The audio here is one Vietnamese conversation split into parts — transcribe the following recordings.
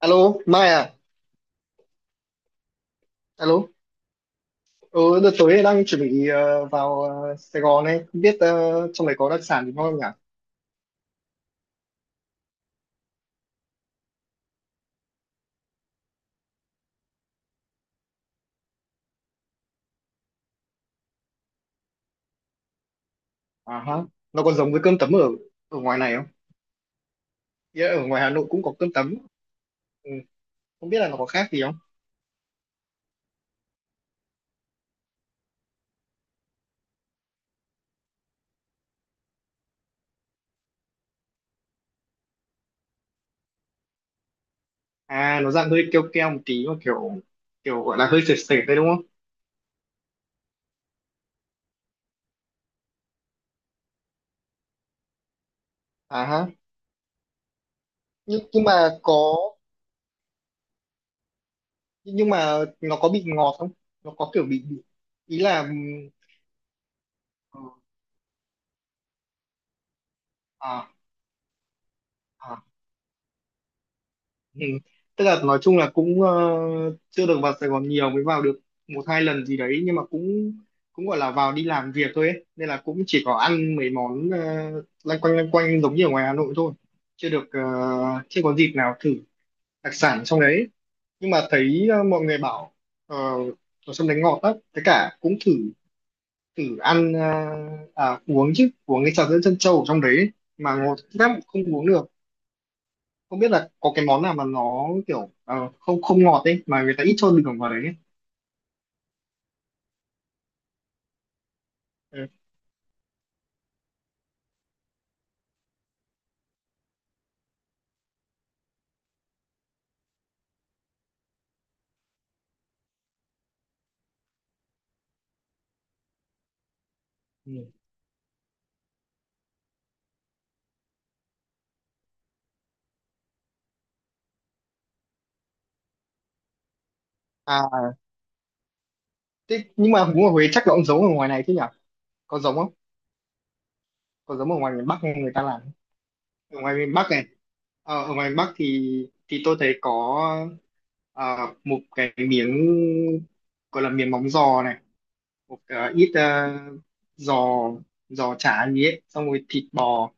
Alo, Mai à? Alo. Ừ, đợt tối đang chuẩn bị vào Sài Gòn ấy, không biết trong này có đặc sản gì ngon không nhỉ? À ha. Nó còn giống với cơm tấm ở ở ngoài này không? Ý ở ngoài Hà Nội cũng có cơm tấm. Ừ, không biết là nó có khác gì không? À, nó dạng hơi keo keo một tí mà kiểu kiểu gọi là hơi sệt sệt đấy đúng không? À ha. Nhưng mà có, nhưng mà nó có bị ngọt không? Nó có kiểu bị, ý là, ừ, à, à. Ừ. Tức là nói chung là cũng chưa được vào Sài Gòn nhiều, mới vào được một hai lần gì đấy nhưng mà cũng cũng gọi là vào đi làm việc thôi ấy. Nên là cũng chỉ có ăn mấy món lanh quanh giống như ở ngoài Hà Nội thôi, chưa được chưa có dịp nào thử đặc sản trong đấy, nhưng mà thấy mọi người bảo ờ, ở trong đấy ngọt lắm, với cả cũng thử thử ăn, uống chứ, uống cái trà sữa trân châu ở trong đấy ấy, mà ngọt lắm không uống được, không biết là có cái món nào mà nó kiểu không không ngọt ấy, mà người ta ít cho đường vào đấy ấy. Ừ. Ừ. À, thế nhưng mà bún ở Huế chắc là cũng giống ở ngoài này chứ nhỉ, có giống không, có giống ở ngoài miền Bắc hay người ta làm ở ngoài miền Bắc này, ở ngoài miền Bắc thì tôi thấy có ờ, một cái miếng gọi là miếng móng giò này, một ít giò, giò chả gì ấy xong rồi thịt bò,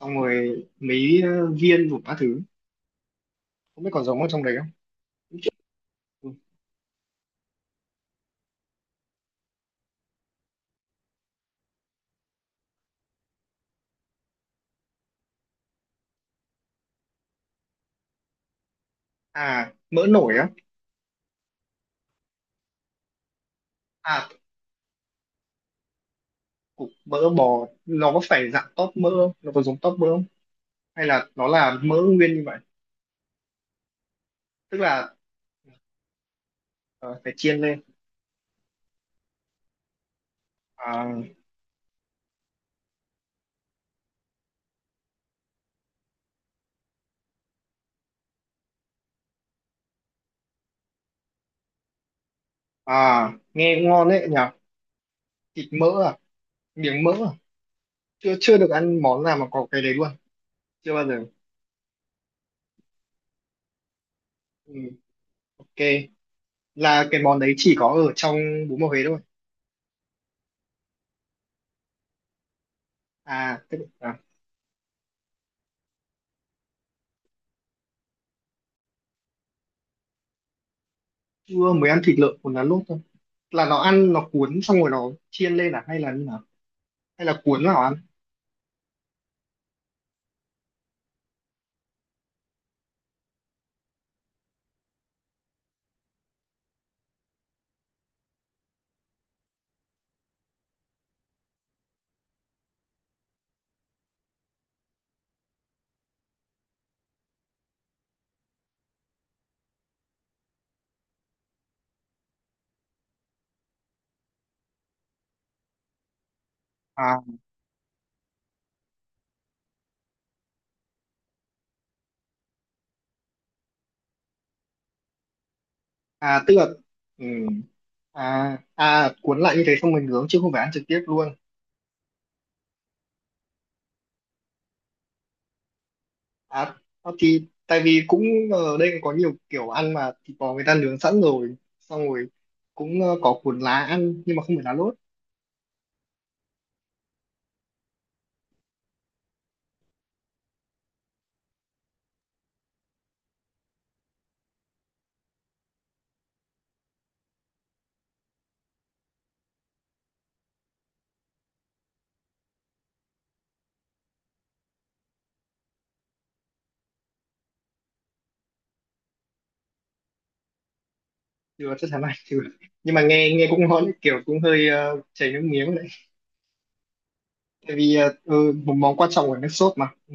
xong rồi mấy viên đủ các thứ, không biết còn giống ở trong đấy không. Ừ. À mỡ nổi á. À, cục mỡ bò nó có phải dạng tóp mỡ không? Nó có giống tóp mỡ không hay là nó là mỡ nguyên như vậy, tức là ờ, phải chiên lên. À, à nghe cũng ngon đấy nhỉ, thịt mỡ à, miếng mỡ à, chưa chưa được ăn món nào mà có cái đấy luôn, chưa bao giờ. Ừ, ok, là cái món đấy chỉ có ở trong bún bò Huế thôi à, tức là chưa, mới ăn thịt lợn cuốn lá lốt thôi, là nó ăn nó cuốn xong rồi nó chiên lên à hay là như nào, hay là cuốn vào ăn. À, à tức là, ừ. À à cuốn lại như thế xong mình nướng chứ không phải ăn trực tiếp luôn. À, à, thì tại vì cũng ở đây có nhiều kiểu ăn mà thịt bò người ta nướng sẵn rồi, xong rồi cũng có cuốn lá ăn nhưng mà không phải lá lốt. Chưa chắc chắn này chưa. Nhưng mà nghe nghe cũng ngon, kiểu cũng hơi chảy nước miếng đấy. Tại vì một món quan trọng của nước sốt mà. Ừ.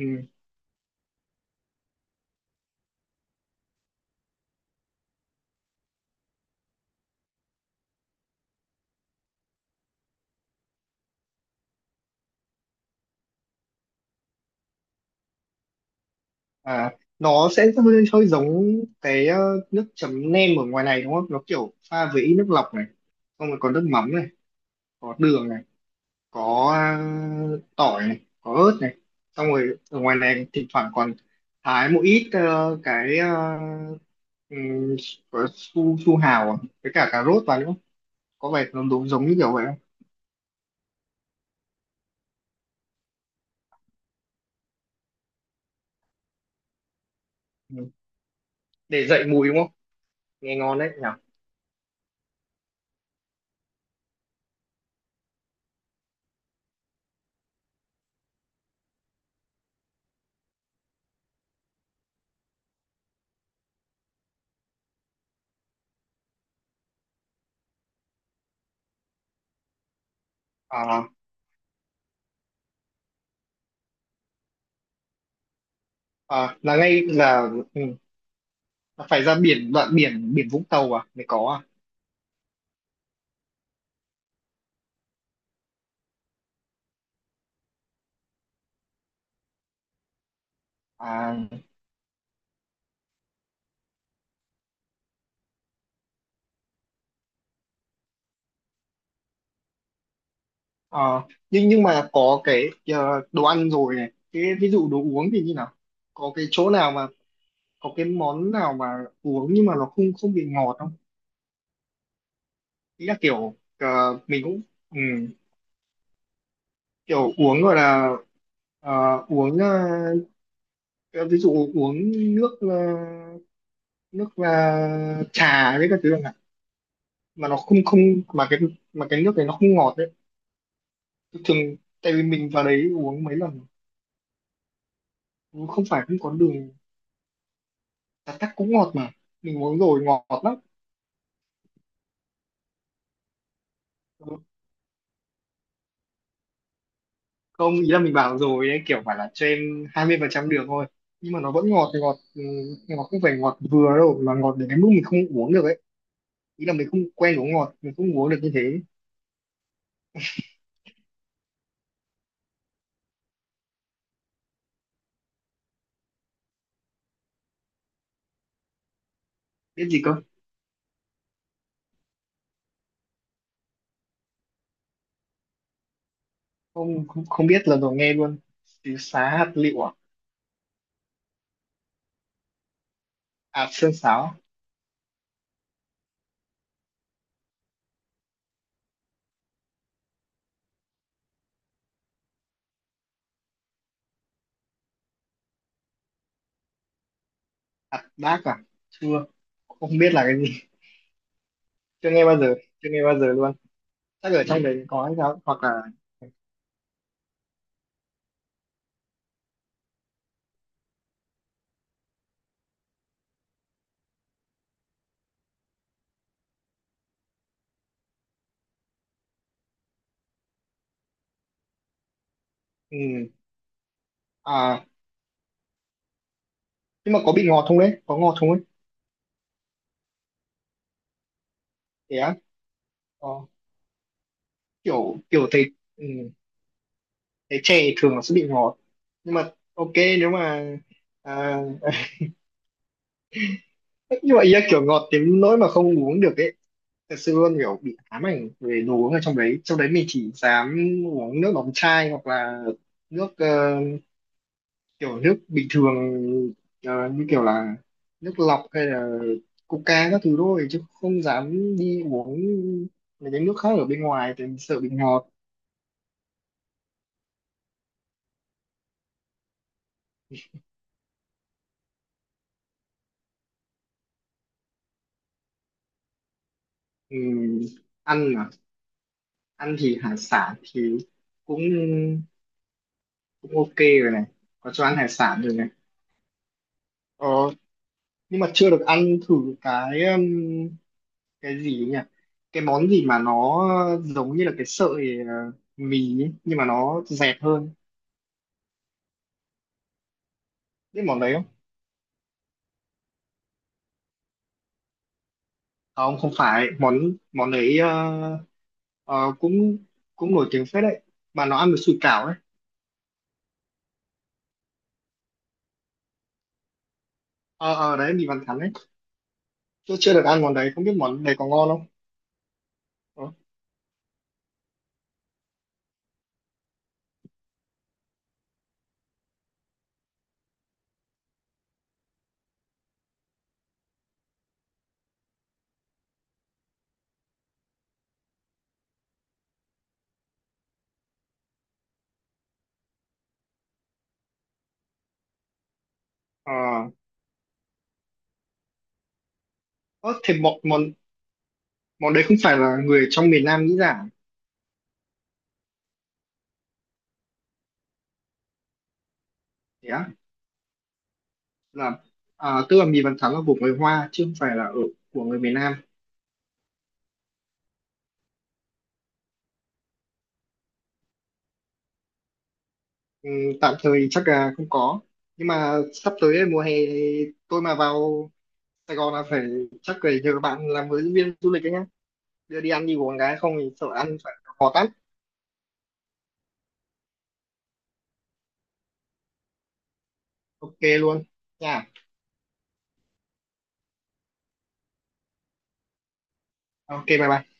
À nó sẽ hơi giống cái nước chấm nem ở ngoài này đúng không? Nó kiểu pha với ít nước lọc này, xong rồi có nước mắm này, có đường này, có à, tỏi này, có ớt này, xong rồi ở ngoài này thỉnh thoảng còn thái một ít ờ, cái um, su su hào à, với cả cà rốt vào nữa, có vẻ nó đúng giống như kiểu vậy không. Ừ. Để dậy mùi đúng không, nghe ngon đấy nhỉ. À, à, là ngay là, ừ, là phải ra biển đoạn biển biển Vũng Tàu à mới có. À, à, ờ, nhưng mà có cái đồ ăn rồi này, cái ví dụ đồ uống thì như nào, có cái chỗ nào mà có cái món nào mà uống nhưng mà nó không không bị ngọt không, ý là kiểu mình cũng, ừ, kiểu uống gọi là ờ, uống ờ, ví dụ uống nước nước trà với các thứ chẳng hạn, mà nó không không mà cái mà cái nước này nó không ngọt đấy, thường tại vì mình vào đấy uống mấy lần không phải không có đường, trà tắc cũng ngọt mà, mình uống rồi ngọt lắm, không ý là mình bảo rồi đấy kiểu phải là cho em 20% đường thôi, nhưng mà nó vẫn ngọt ngọt, ừ, ngọt không phải ngọt vừa đâu mà ngọt đến cái mức mình không uống được ấy, ý là mình không quen uống ngọt, mình không uống được như thế. Biết gì cơ? Không không, không biết, lần đầu nghe luôn, xíu xá hạt lựu à, hạt sơn sáo, hạt đác à, chưa, không biết là cái gì, chưa nghe bao giờ, chưa nghe bao giờ luôn, chắc ở trong đấy có hay sao hoặc là. Ừ. À nhưng mà có bị ngọt không đấy, có ngọt không ấy. Thế á? Có. Kiểu kiểu thấy, ừ, thấy chè thường nó sẽ bị ngọt nhưng mà ok, nếu mà à, như vậy á, kiểu ngọt đến nỗi mà không uống được ấy, thật sự luôn, kiểu bị ám ảnh về đồ uống ở trong đấy, trong đấy mình chỉ dám uống nước đóng chai hoặc là nước kiểu nước bình thường, như kiểu là nước lọc hay là Coca các thứ thôi, chứ không dám đi uống mấy cái nước khác ở bên ngoài thì mình sợ bị ngọt. Ừ, ăn à, ăn thì hải sản thì cũng cũng ok rồi này, có cho ăn hải sản rồi này. Ờ, nhưng mà chưa được ăn thử cái um, cái gì nhỉ? Cái món gì mà nó giống như là cái sợi mì ấy, nhưng mà nó dẹt hơn. Biết món đấy không? Không, không phải. Món món đấy cũng cũng nổi tiếng phết đấy. Mà nó ăn với sủi cảo ấy. Ờ, ờ đấy, mì Văn Thắn ấy. Tôi chưa được ăn món đấy, không biết món đấy có ngon không? Ờ, ờ. Ơ, thì món đấy không phải là người trong miền Nam nghĩ ra. À? Thế á? Là, à, tức là mì Văn Thắn là của người Hoa, chứ không phải là ở của người miền Nam. Ừ, tạm thời chắc là không có, nhưng mà sắp tới đây, mùa hè thì tôi mà vào Sài Gòn là phải, chắc phải nhờ bạn làm hướng dẫn viên du lịch đấy nhá, đưa đi ăn đi uống cái không thì sợ ăn phải khó tắt, ok luôn nha, ok bye bye.